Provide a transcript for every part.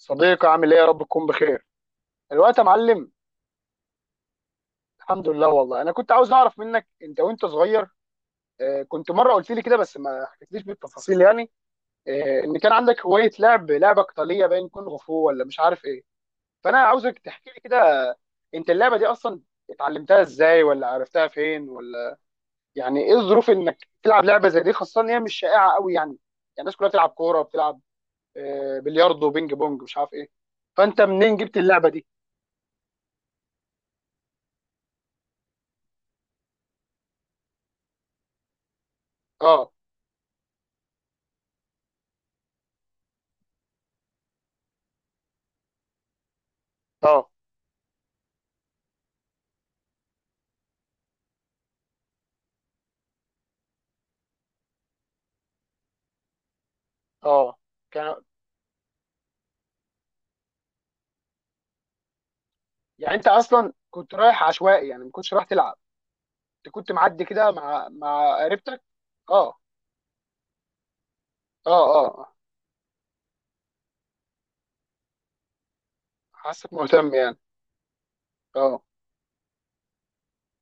صديقي عامل ايه يا رب تكون بخير. الوقت يا معلم. الحمد لله. والله انا كنت عاوز اعرف منك انت وانت صغير، كنت مره قلت لي كده بس ما حكيتليش بالتفاصيل يعني، ان كان عندك هوايه لعب لعبه قتاليه باين كونغ فو ولا مش عارف ايه. فانا عاوزك تحكي لي كده. انت اللعبه دي اصلا اتعلمتها ازاي ولا عرفتها فين ولا يعني ايه الظروف انك تلعب لعبه زي دي، خاصه ان هي مش شائعه قوي، يعني الناس كلها بتلعب كوره، بتلعب بلياردو بينج بونج مش عارف ايه. فانت منين جبت اللعبه دي؟ اه، اه، اه، كان يعني انت اصلا كنت رايح عشوائي يعني، ما كنتش رايح تلعب، انت كنت معدي كده مع قريبتك؟ اه، اه، اه، آه. حاسك مهتم يعني. اه.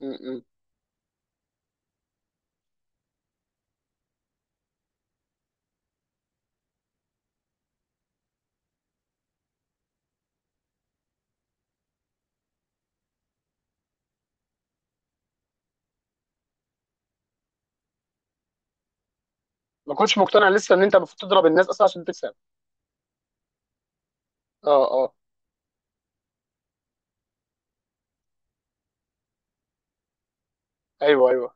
م- م. ما كنتش مقتنع لسه ان انت المفروض تضرب الناس اصلا عشان تكسب؟ اه، اه، ايوه، ايوه.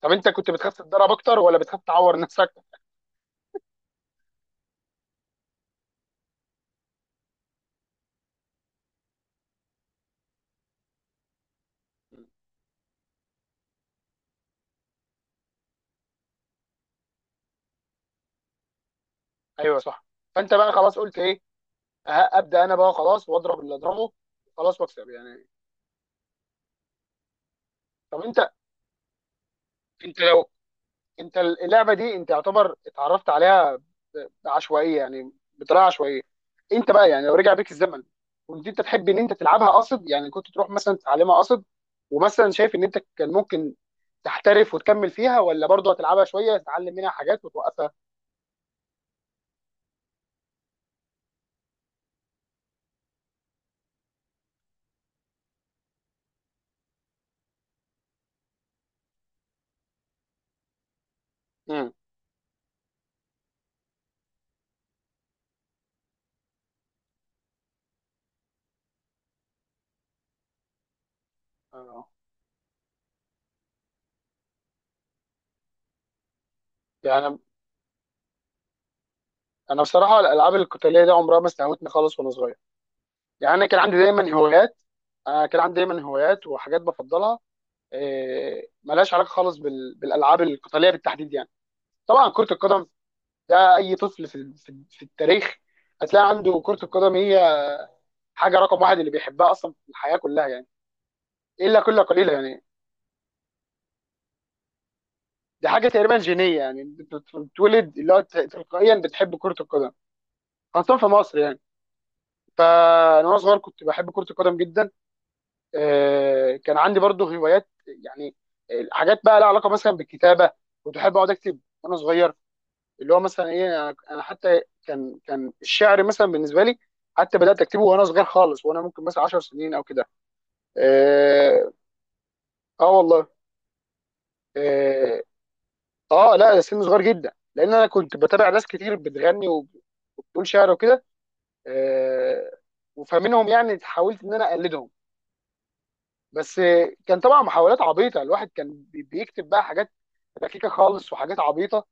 طب انت كنت بتخاف تتضرب اكتر ولا بتخاف تعور نفسك؟ م. ايوه صح. فانت بقى خلاص قلت ايه؟ أه، ابدا انا بقى خلاص واضرب اللي اضربه، خلاص، واكسب يعني. طب انت لو انت اللعبه دي انت يعتبر اتعرفت عليها عشوائيه يعني، بطريقه عشوائيه. انت بقى يعني لو رجع بيك الزمن كنت انت تحب ان انت تلعبها قصد؟ يعني كنت تروح مثلا تتعلمها قصد، ومثلا شايف ان انت كان ممكن تحترف وتكمل فيها، ولا برضه هتلعبها شويه تتعلم منها حاجات وتوقفها؟ امم. آه. يعني انا بصراحه الالعاب القتاليه دي عمرها ما استهوتني خالص وانا صغير. يعني انا كان عندي دايما هوايات، وحاجات بفضلها، ملهاش علاقه خالص بالالعاب القتاليه بالتحديد يعني. طبعا كرة القدم، ده اي طفل في في التاريخ هتلاقي عنده كرة القدم هي حاجة رقم واحد اللي بيحبها اصلا في الحياة كلها يعني، الا كل قليلة يعني. دي حاجة تقريبا جينية، يعني بتتولد اللي هو تلقائيا بتحب كرة القدم، خاصة في مصر يعني. فانا وانا صغير كنت بحب كرة القدم جدا. كان عندي برضه هوايات يعني، حاجات بقى لها علاقة مثلا بالكتابة، كنت احب اقعد اكتب وانا صغير، اللي هو مثلا ايه، انا حتى كان الشعر مثلا بالنسبه لي حتى بدات اكتبه وانا صغير خالص، وانا ممكن مثلا 10 سنين او كده. اه. آه والله. اه. اه لا سن صغير جدا، لان انا كنت بتابع ناس كتير بتغني وبتقول شعر وكده. آه، وفمنهم يعني حاولت ان انا اقلدهم، بس كان طبعا محاولات عبيطه، الواحد كان بيكتب بقى حاجات ركيكه خالص وحاجات عبيطه،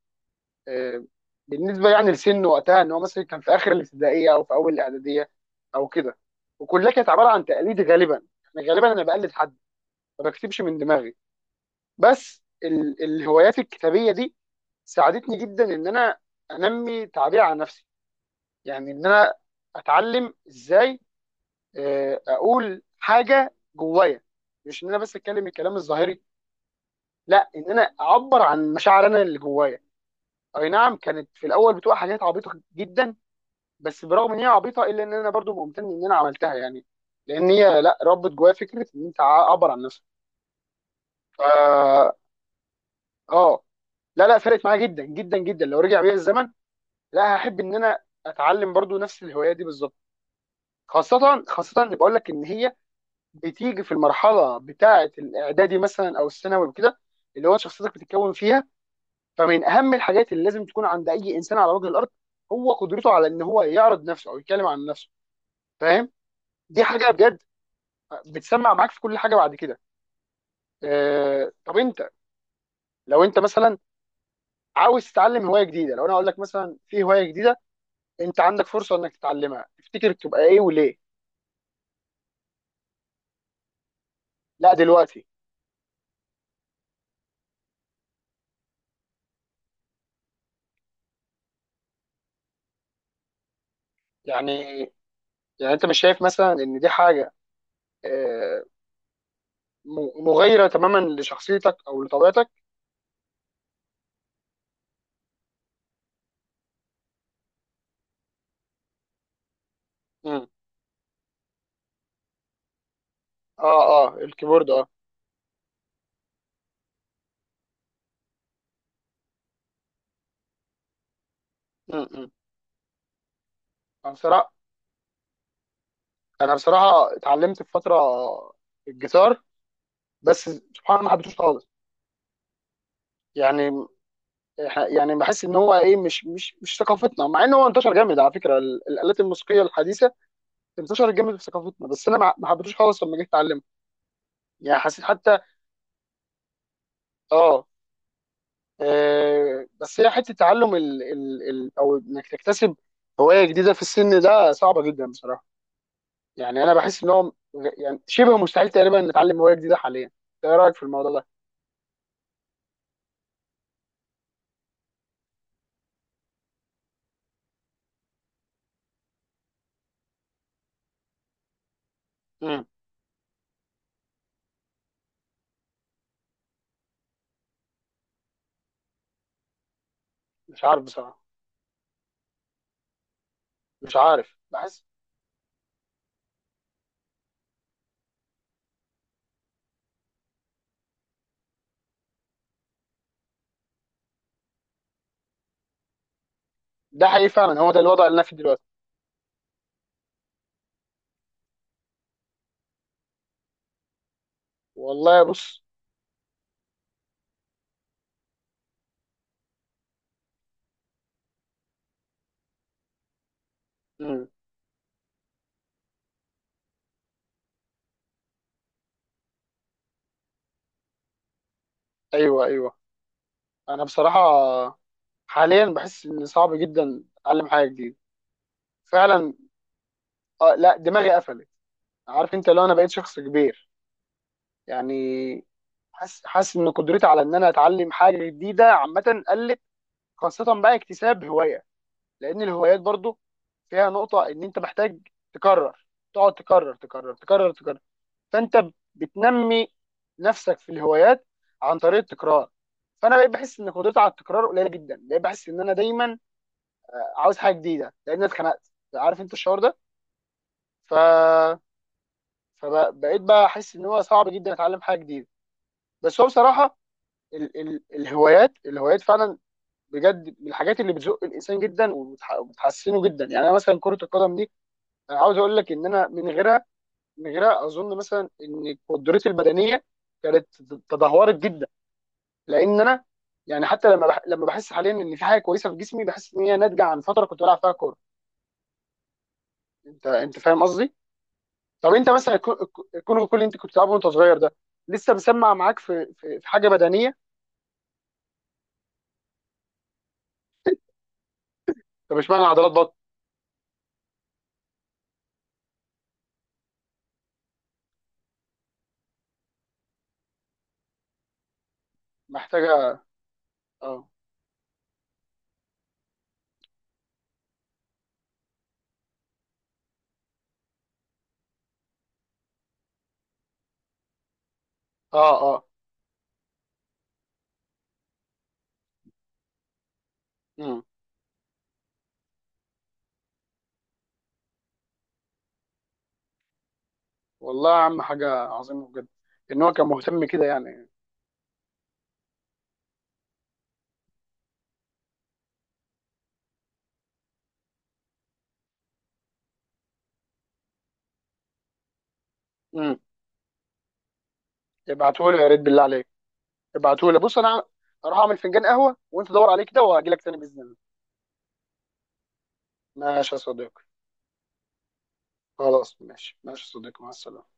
آه، بالنسبه يعني لسنه وقتها ان هو مثلا كان في اخر الابتدائيه او في اول الاعداديه او كده. وكلها كانت عباره عن تقليد غالبا، يعني غالبا انا بقلد حد، ما بكتبش من دماغي. بس الهوايات الكتابيه دي ساعدتني جدا ان انا انمي تعبير عن نفسي، يعني ان انا اتعلم ازاي اقول حاجه جوايا، مش ان انا بس اتكلم الكلام الظاهري، لا ان انا اعبر عن مشاعر انا اللي جوايا. اي نعم كانت في الاول بتبقى حاجات عبيطه جدا، بس برغم ان هي عبيطه، الا ان انا برضو ممتن ان انا عملتها يعني، لان هي لا ربت جوايا فكره ان انت عبر عن نفسك. ف اه، لا لا فرقت معايا جدا جدا جدا. لو رجع بيا الزمن لا هحب ان انا اتعلم برضو نفس الهوايه دي بالظبط، خاصه اللي بقول لك ان هي بتيجي في المرحله بتاعه الاعدادي مثلا او الثانوي وكده، اللي هو شخصيتك بتتكون فيها. فمن اهم الحاجات اللي لازم تكون عند اي انسان على وجه الارض هو قدرته على ان هو يعرض نفسه او يتكلم عن نفسه، فاهم؟ دي حاجه بجد بتسمع معاك في كل حاجه بعد كده. آه طب انت لو انت مثلا عاوز تتعلم هوايه جديده، لو انا اقول لك مثلا في هوايه جديده انت عندك فرصه انك تتعلمها، تفتكر تبقى ايه وليه؟ لا دلوقتي. يعني انت مش شايف مثلا ان دي حاجه آه، مغايره تماما لشخصيتك او لطبيعتك؟ مم. اه، اه الكيبورد، اه. مم، مم. انا بصراحه، اتعلمت في فتره الجيتار، بس سبحان الله ما حبيتهوش خالص. يعني بحس ان هو ايه، مش ثقافتنا، مع ان هو انتشر جامد على فكره، الالات الموسيقيه الحديثه انتشر جامد في ثقافتنا، بس انا ما حبيتوش خالص لما جيت اتعلمها، يعني حسيت حتى. اه، بس هي حته تعلم ال ال ال او انك تكتسب هوايه جديده في السن ده صعبه جدا بصراحه. يعني انا بحس ان هو يعني شبه مستحيل تقريبا نتعلم هوايه جديده حاليا، انت ايه رايك في الموضوع ده؟ مم. مش عارف بصراحه، مش عارف، بحس، ده حقيقي فعلا، هو ده الوضع اللي انا فيه دلوقتي. والله بص. مم. ايوه، ايوه. انا بصراحه حاليا بحس ان صعب جدا اتعلم حاجه جديده، فعلا. آه لا دماغي قفلت. عارف انت، لو انا بقيت شخص كبير يعني، حاسس ان قدرتي على ان انا اتعلم حاجه جديده عامه قلت، خاصه بقى اكتساب هوايه، لان الهوايات برضو فيها نقطه ان انت محتاج تكرر، تقعد تكرر تكرر تكرر تكرر، فانت بتنمي نفسك في الهوايات عن طريق التكرار. فانا بقيت بحس ان قدرتي على التكرار قليله جدا، بقيت بحس ان انا دايما عاوز حاجه جديده، لان أنا اتخنقت، عارف انت الشعور ده؟ ف فبقيت بقى احس ان هو صعب جدا اتعلم حاجه جديده. بس هو بصراحه الهوايات فعلا بجد من الحاجات اللي بتزق الانسان جدا وبتحسنه جدا. يعني انا مثلا كره القدم دي، انا عاوز اقول لك ان انا من غيرها، من غيرها اظن مثلا ان قدرتي البدنيه كانت تدهورت جدا، لان انا يعني، حتى لما لما بحس حاليا ان في حاجه كويسه في جسمي بحس ان هي ناتجه عن فتره كنت بلعب فيها كوره، انت فاهم قصدي؟ طب انت مثلا الكونغ، كل اللي انت كنت بتلعبه وانت صغير ده لسه مسمع معاك في في حاجه بدنيه؟ طب اشمعنى عضلات بطن؟ محتاجه. اه، اه، اه. امم. والله يا عم حاجه عظيمه بجد، ان هو كان مهتم كده يعني. امم. ابعته لي يا ريت بالله عليك، ابعته لي. بص انا اروح اعمل فنجان قهوه وانت دور عليه كده وهجي لك تاني باذن الله. ماشي يا صديقي. خلاص ماشي، ماشي يا صديقي، مع السلامه.